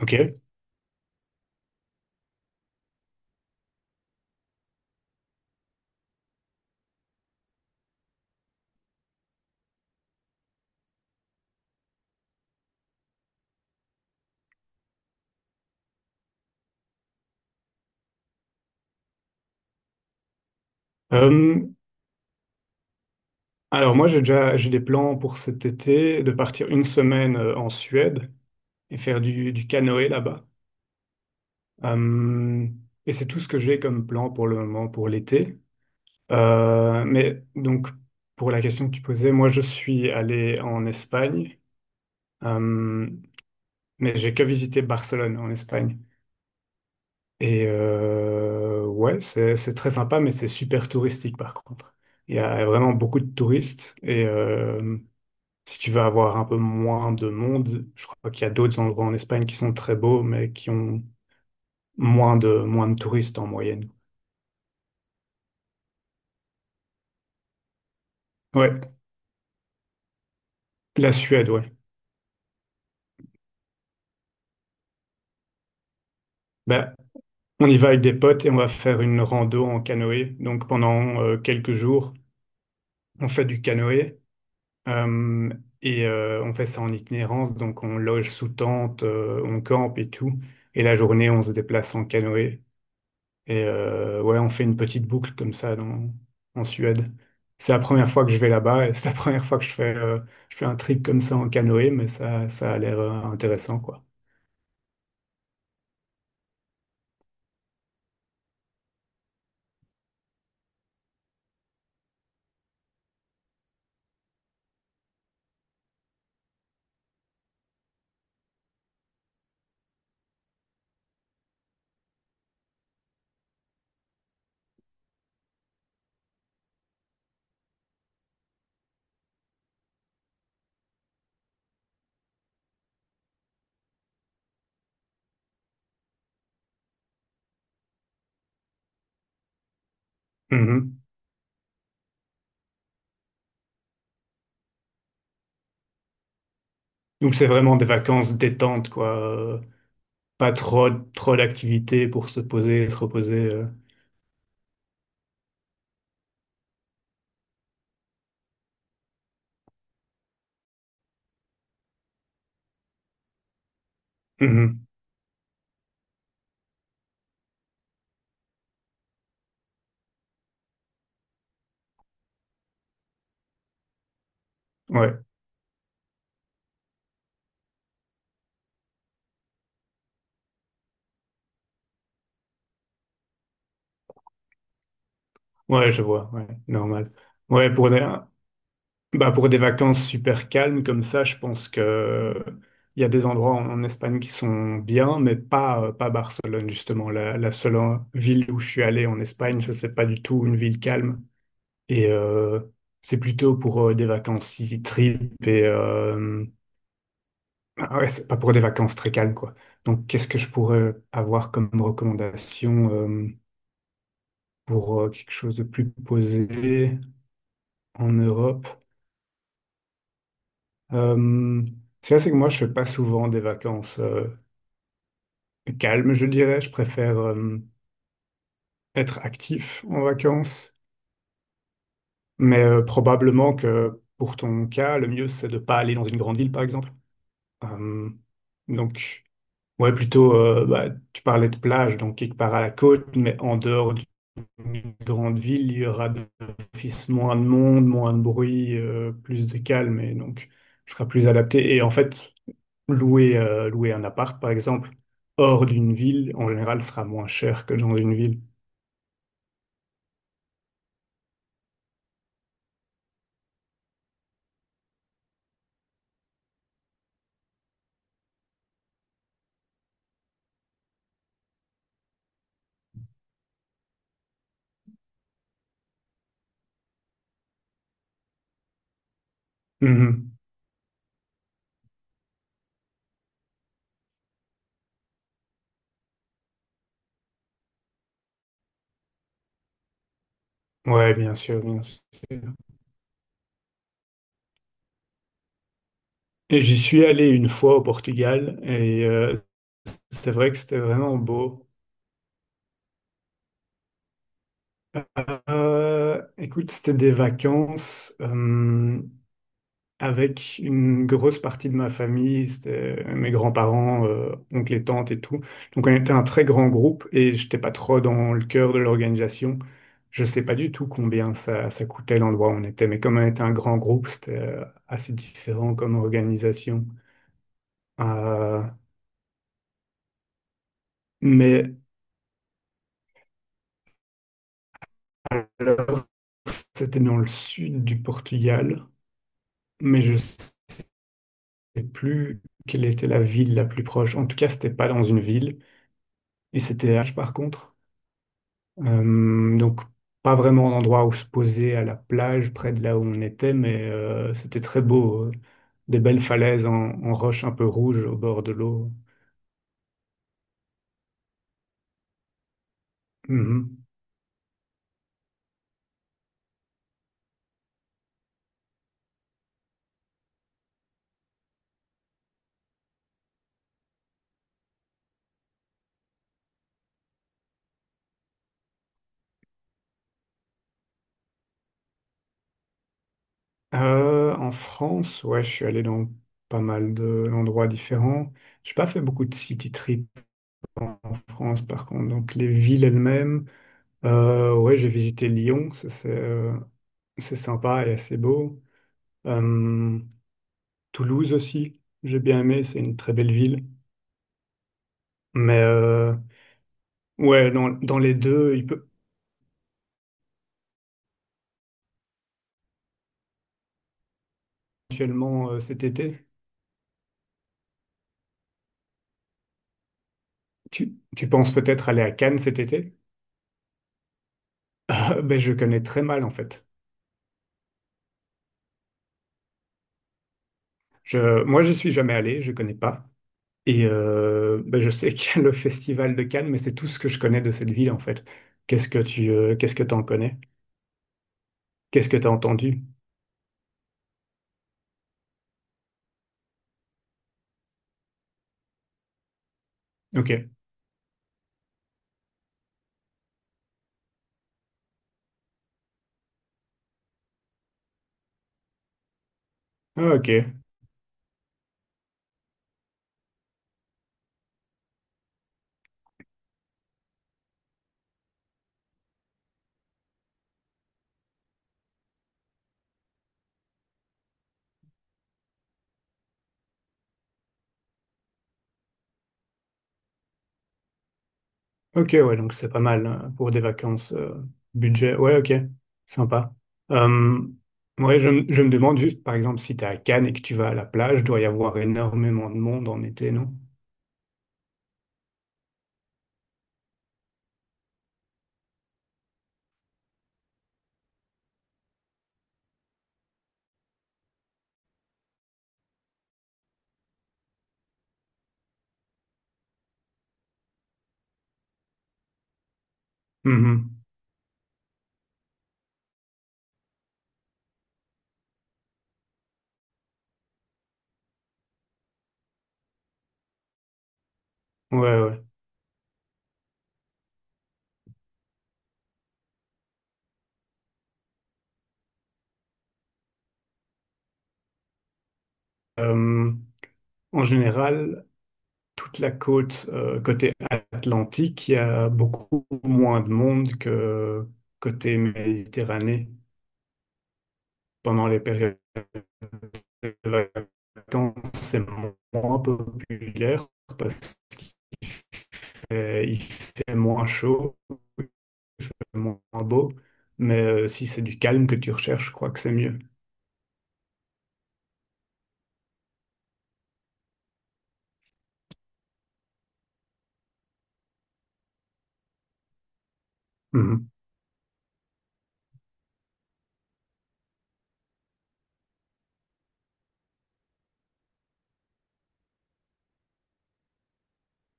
Ok. Euh, alors moi j'ai des plans pour cet été de partir une semaine en Suède et faire du canoë là-bas. Euh, et c'est tout ce que j'ai comme plan pour le moment pour l'été. Mais donc pour la question que tu posais, moi je suis allé en Espagne, euh, mais j'ai que visité Barcelone en Espagne. Et ouais, c'est très sympa, mais c'est super touristique par contre. Il y a vraiment beaucoup de touristes et si tu veux avoir un peu moins de monde, je crois qu'il y a d'autres endroits en Espagne qui sont très beaux, mais qui ont moins de touristes en moyenne. Ouais, la Suède, ouais. Ben, on y va avec des potes et on va faire une rando en canoë. Donc pendant quelques jours, on fait du canoë euh, et on fait ça en itinérance. Donc on loge sous tente, on campe et tout. Et la journée, on se déplace en canoë. Et ouais, on fait une petite boucle comme ça dans, en Suède. C'est la première fois que je vais là-bas et c'est la première fois que je fais un trip comme ça en canoë, mais ça a l'air intéressant, quoi. Mhm. Donc c'est vraiment des vacances détente, quoi. Pas trop d'activités pour se poser et se reposer. Mhm. Ouais, ouais, je vois, ouais, normal. Ouais, pour des- bah pour des vacances super calmes comme ça, je pense que il y a des endroits en, en Espagne qui sont bien, mais pas, pas Barcelone, justement. La seule ville où je suis allé en Espagne, ça, c'est pas du tout une ville calme. Et c'est plutôt pour des vacances city trip et ah ouais, c'est pas pour des vacances très calmes, quoi. Donc, qu'est-ce que je pourrais avoir comme recommandation pour quelque chose de plus posé en Europe? Euh, ça, c'est que moi, je fais pas souvent des vacances calmes, je dirais. Je préfère être actif en vacances. Mais probablement que pour ton cas, le mieux, c'est de pas aller dans une grande ville, par exemple. Euh, donc ouais, plutôt, bah, tu parlais de plage, donc quelque part à la côte, mais en dehors d'une grande ville, il y aura d'office moins de monde, moins de bruit, plus de calme, et donc, je serai plus adapté. Et en fait, louer, louer un appart, par exemple, hors d'une ville, en général, sera moins cher que dans une ville. Mhm. Ouais, bien sûr, bien sûr. Et j'y suis allé une fois au Portugal et c'est vrai que c'était vraiment beau. Écoute, c'était des vacances. Avec une grosse partie de ma famille, c'était mes grands-parents, oncles et tantes et tout. Donc on était un très grand groupe et j'étais pas trop dans le cœur de l'organisation. Je sais pas du tout combien ça, ça coûtait l'endroit où on était, mais comme on était un grand groupe, c'était assez différent comme organisation. Euh, mais alors c'était dans le sud du Portugal, mais je sais plus quelle était la ville la plus proche. En tout cas, c'était pas dans une ville et c'était H par contre. Donc pas vraiment un endroit où se poser à la plage, près de là où on était, mais c'était très beau. Des belles falaises en, en roche un peu rouge au bord de l'eau. Mhm. En France, ouais, je suis allé dans pas mal de- d'endroits différents. J'ai pas fait beaucoup de city trips en France, par contre. Donc, les villes elles-mêmes, ouais, j'ai visité Lyon, ça, c'est sympa et assez beau. Euh, Toulouse aussi, j'ai bien aimé, c'est une très belle ville. Mais ouais, dans, dans les deux, il peut éventuellement cet été. Tu penses peut-être aller à Cannes cet été? Ah, ben, je connais très mal en fait. Moi, je suis jamais allé, je connais pas. Et ben, je sais qu'il y a le festival de Cannes, mais c'est tout ce que je connais de cette ville en fait. Qu'est-ce que tu, qu'est-ce que t'en connais? Qu'est-ce que t'as entendu? Ok. Ah, ok. Ok, ouais, donc c'est pas mal pour des vacances budget. Ouais, ok, sympa. Euh, ouais, je me demande juste, par exemple, si t'es à Cannes et que tu vas à la plage, doit y avoir énormément de monde en été, non? Mhm. Ouais, ouais. Euh, en général, toute la côte côté Atlantique, il y a beaucoup moins de monde que côté Méditerranée. Pendant les périodes de vacances, c'est moins populaire. Il fait moins chaud, moins beau, mais si c'est du calme que tu recherches, je crois que c'est mieux. Mhm.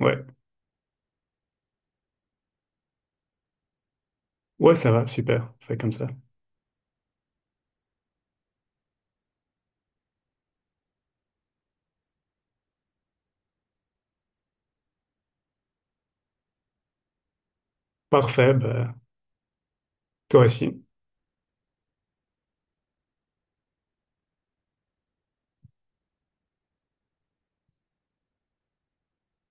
Ouais, ouais, ça va, super, fait comme ça. Parfait, bah, toi aussi.